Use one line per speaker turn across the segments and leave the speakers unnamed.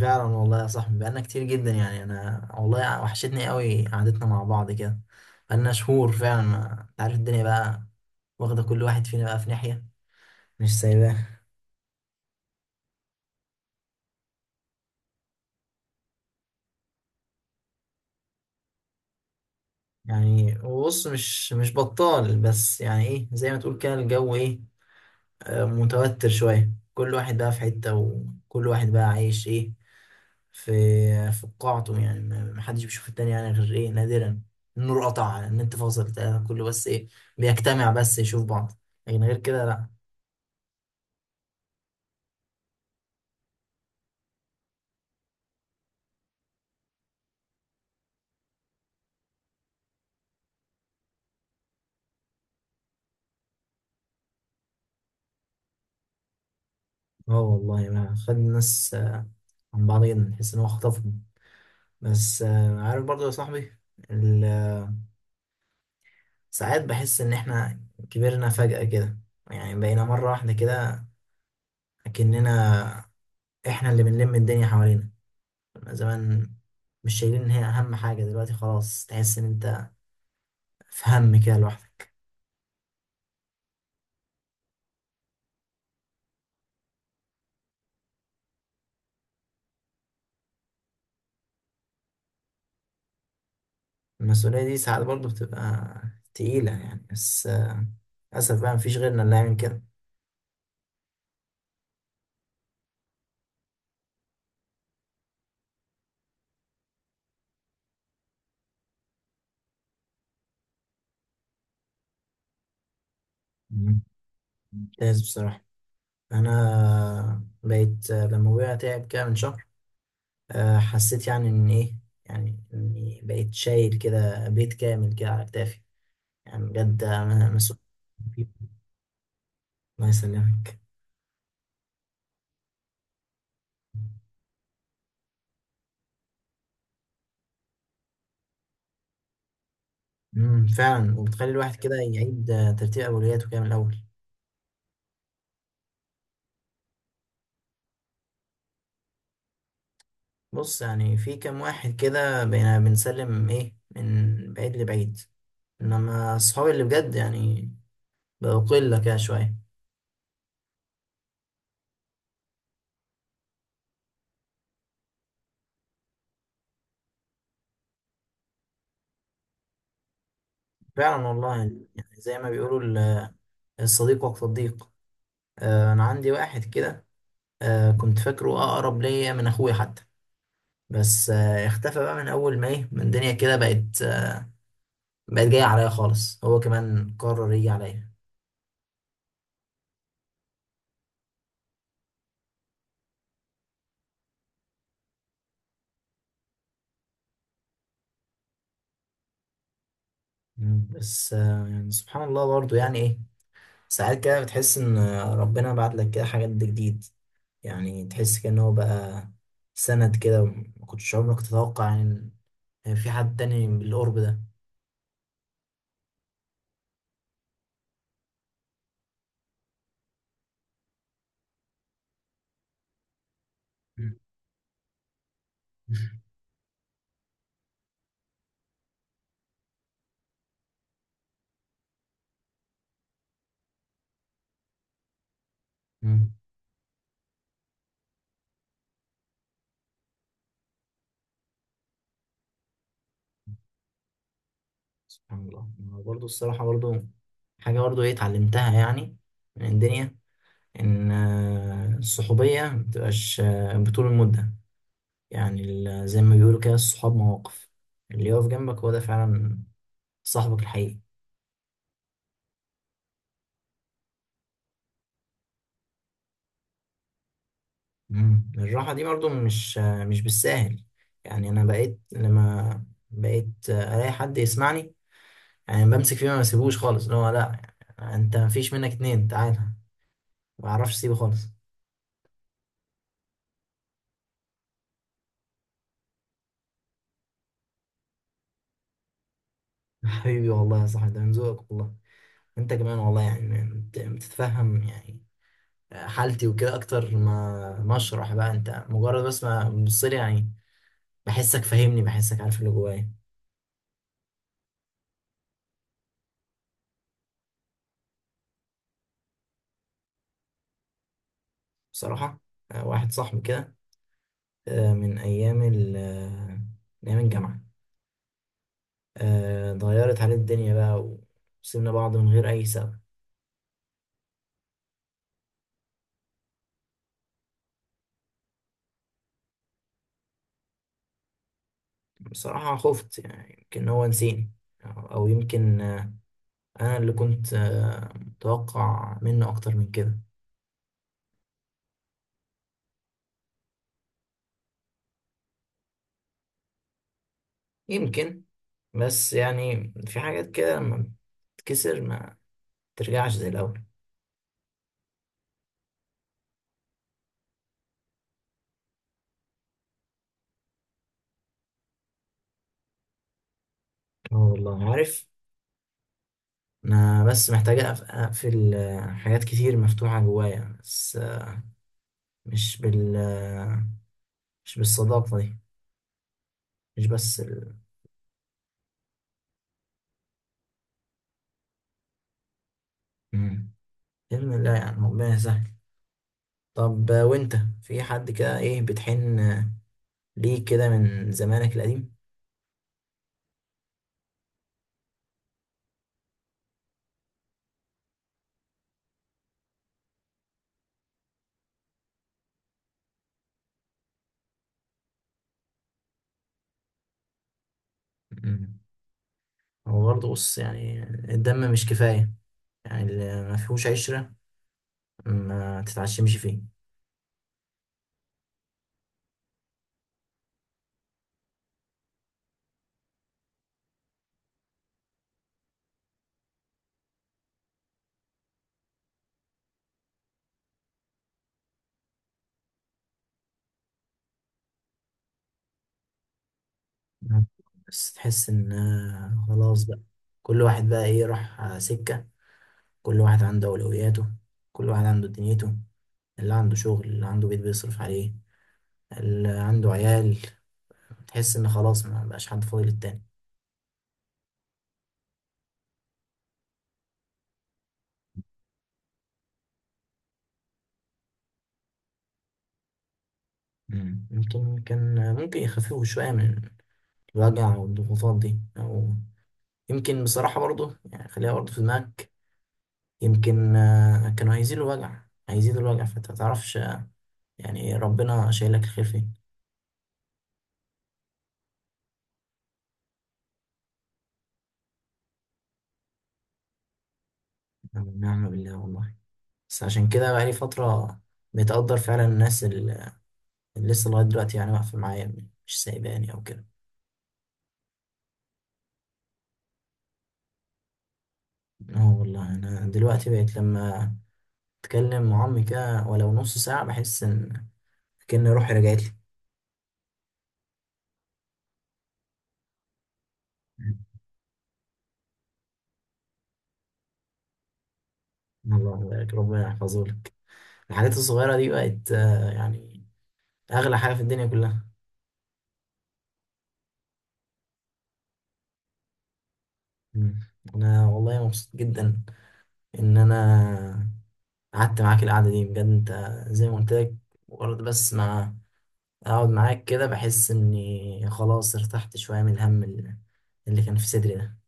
فعلا والله يا صاحبي، بقالنا كتير جدا، يعني انا والله وحشتني قوي قعدتنا مع بعض كده. بقالنا شهور فعلا، ما انت عارف الدنيا بقى، واخده كل واحد فينا بقى في ناحيه، مش سايباه. يعني بص، مش بطال، بس يعني ايه، زي ما تقول كده الجو ايه. متوتر شويه، كل واحد بقى في حته، وكل واحد بقى عايش ايه في في قاعته، يعني ما حدش بيشوف التاني يعني غير ايه نادرا. النور قطع، النت فاصل، بتاع كله، بس ايه، بيجتمع بس يشوف بعض، لكن غير كده لا. اه والله، ما خد الناس عن بعض جدا، نحس ان هو خطفهم. بس عارف برضو يا صاحبي، ال- ساعات بحس ان احنا كبرنا فجأة كده. يعني بقينا مرة واحدة كده، اكننا احنا اللي بنلم الدنيا حوالينا، كنا زمان مش شايلين ان هي اهم حاجة، دلوقتي خلاص تحس ان انت في هم كده لوحدك. المسؤولية دي ساعات برضو بتبقى تقيلة يعني، بس للأسف بقى مفيش غيرنا اللي يعمل كده. مم. ممتاز بصراحة. انا بقيت لما ابويا تعب كده من شهر، حسيت يعني ان ايه، يعني اني بقيت شايل كده بيت كامل كده على كتافي، يعني بجد أنا مسؤول. الله يسلمك. فعلا، وبتخلي الواحد كده يعيد ترتيب اولوياته كده من الاول. بص، يعني في كام واحد كده بقينا بنسلم ايه من بعيد لبعيد، انما اصحابي اللي بجد يعني بقوا قله كده شويه. فعلا والله يعني، زي ما بيقولوا ال- الصديق وقت الضيق. انا عندي واحد كده، كنت فاكره اقرب ليا من اخويا حتى. بس اختفى بقى من اول ما ايه من الدنيا كده بقت بقت جايه عليا خالص، هو كمان قرر يجي عليا. مم. بس يعني سبحان الله برضو، يعني ايه، ساعات كده بتحس ان ربنا بعت لك كده حاجات جديد، يعني تحس كأنه هو بقى سند كده، ما كنتش عمرك تتوقع يعني إن في حد تاني بالقرب ده. مم. مم. سبحان الله. برضه الصراحة برضه حاجة برضو ايه اتعلمتها يعني من الدنيا، ان الصحوبية مبتبقاش بطول المدة. يعني زي ما بيقولوا كده الصحاب مواقف، اللي يقف جنبك هو ده فعلا صاحبك الحقيقي. مم. الراحة دي برضو مش بالساهل. يعني انا بقيت لما بقيت الاقي حد يسمعني، يعني بمسك فيه ما بسيبوش خالص، اللي هو لا انت مفيش منك اتنين، تعالى ما بعرفش اسيبه خالص. حبيبي والله يا صاحبي، ده من ذوقك والله. انت كمان والله، يعني بتتفهم يعني حالتي وكده، اكتر ما اشرح بقى، انت مجرد بس ما تبص لي يعني، بحسك فاهمني، بحسك عارف اللي جوايا. بصراحه واحد صاحبي كده، آه، من ايام ال آه، من ايام الجامعه، اتغيرت عليه الدنيا بقى، وسيبنا بعض من غير اي سبب. بصراحه خفت يعني، يمكن هو نسيني، أو يمكن انا اللي كنت متوقع منه اكتر من كده. يمكن، بس يعني في حاجات كده لما بتتكسر ما ترجعش زي الاول. اه والله، عارف. انا بس محتاج اقفل حاجات كتير مفتوحة جوايا، بس مش بال آه، مش بالصداقة دي، مش بس مم. بإذن الله يعني، ربنا يسهل. طب وانت في حد كده ايه بتحن ليه كده من زمانك القديم؟ مم. هو برضه بص يعني، الدم مش كفاية، يعني اللي ما فيهوش عشرة ما تتعشمش فيه. مم. بس تحس ان خلاص بقى، كل واحد بقى ايه راح سكة، كل واحد عنده أولوياته، كل واحد عنده دنيته، اللي عنده شغل، اللي عنده بيت بيصرف عليه، اللي عنده عيال، تحس إن خلاص ما بقاش حد فاضي للتاني. مم. يمكن كان ممكن يخففوا شوية من الوجع والضغوطات دي، أو يمكن بصراحة برضه، يعني خليها برضه في دماغك، يمكن كانوا هيزيدوا الوجع، هيزيدوا الوجع، فأنت متعرفش يعني إيه، ربنا شايلك الخير فين. نعم نعم، بالله والله، بس عشان كده بقالي فترة بتقدر فعلا الناس، لسه لغاية دلوقتي يعني واقفة معايا، مش سايباني أو كده. اه والله، أنا دلوقتي بقيت لما أتكلم مع أمي كده ولو نص ساعة، بحس إن كأن روحي رجعت لي. الله يبارك، ربنا يحفظهولك. الحاجات الصغيرة دي بقت يعني أغلى حاجة في الدنيا كلها. مم. أنا والله مبسوط جدا إن أنا قعدت معاك القعدة دي، بجد أنت زي ما قلت لك، مجرد بس ما أقعد معاك كده بحس إني خلاص ارتحت شوية من الهم اللي كان في صدري ده.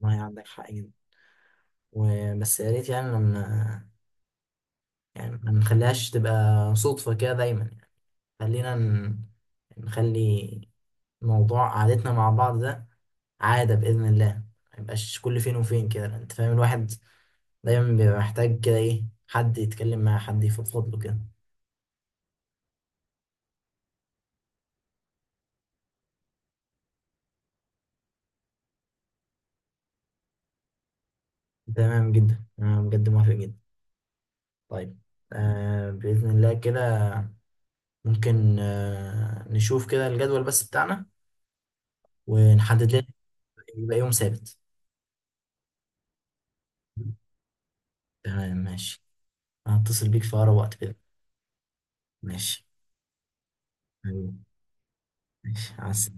ما هي عندك حق جدا، وبس يا ريت يعني لما، يعني ما نخليهاش تبقى صدفة كده دايما يعني، خلينا نخلي موضوع قعدتنا مع بعض ده عادة بإذن الله، ما يبقاش كل فين وفين كده، انت فاهم، الواحد دايما بيبقى محتاج كده ايه حد يتكلم معاه، حد يفضفض له كده. تمام جدا، انا بجد موافق جدا. طيب، بإذن الله كده ممكن نشوف كده الجدول بس بتاعنا، ونحدد لنا يبقى يوم ثابت. تمام ماشي، هتصل بيك في أقرب وقت كده. ماشي حبيبي. ماشي عسل.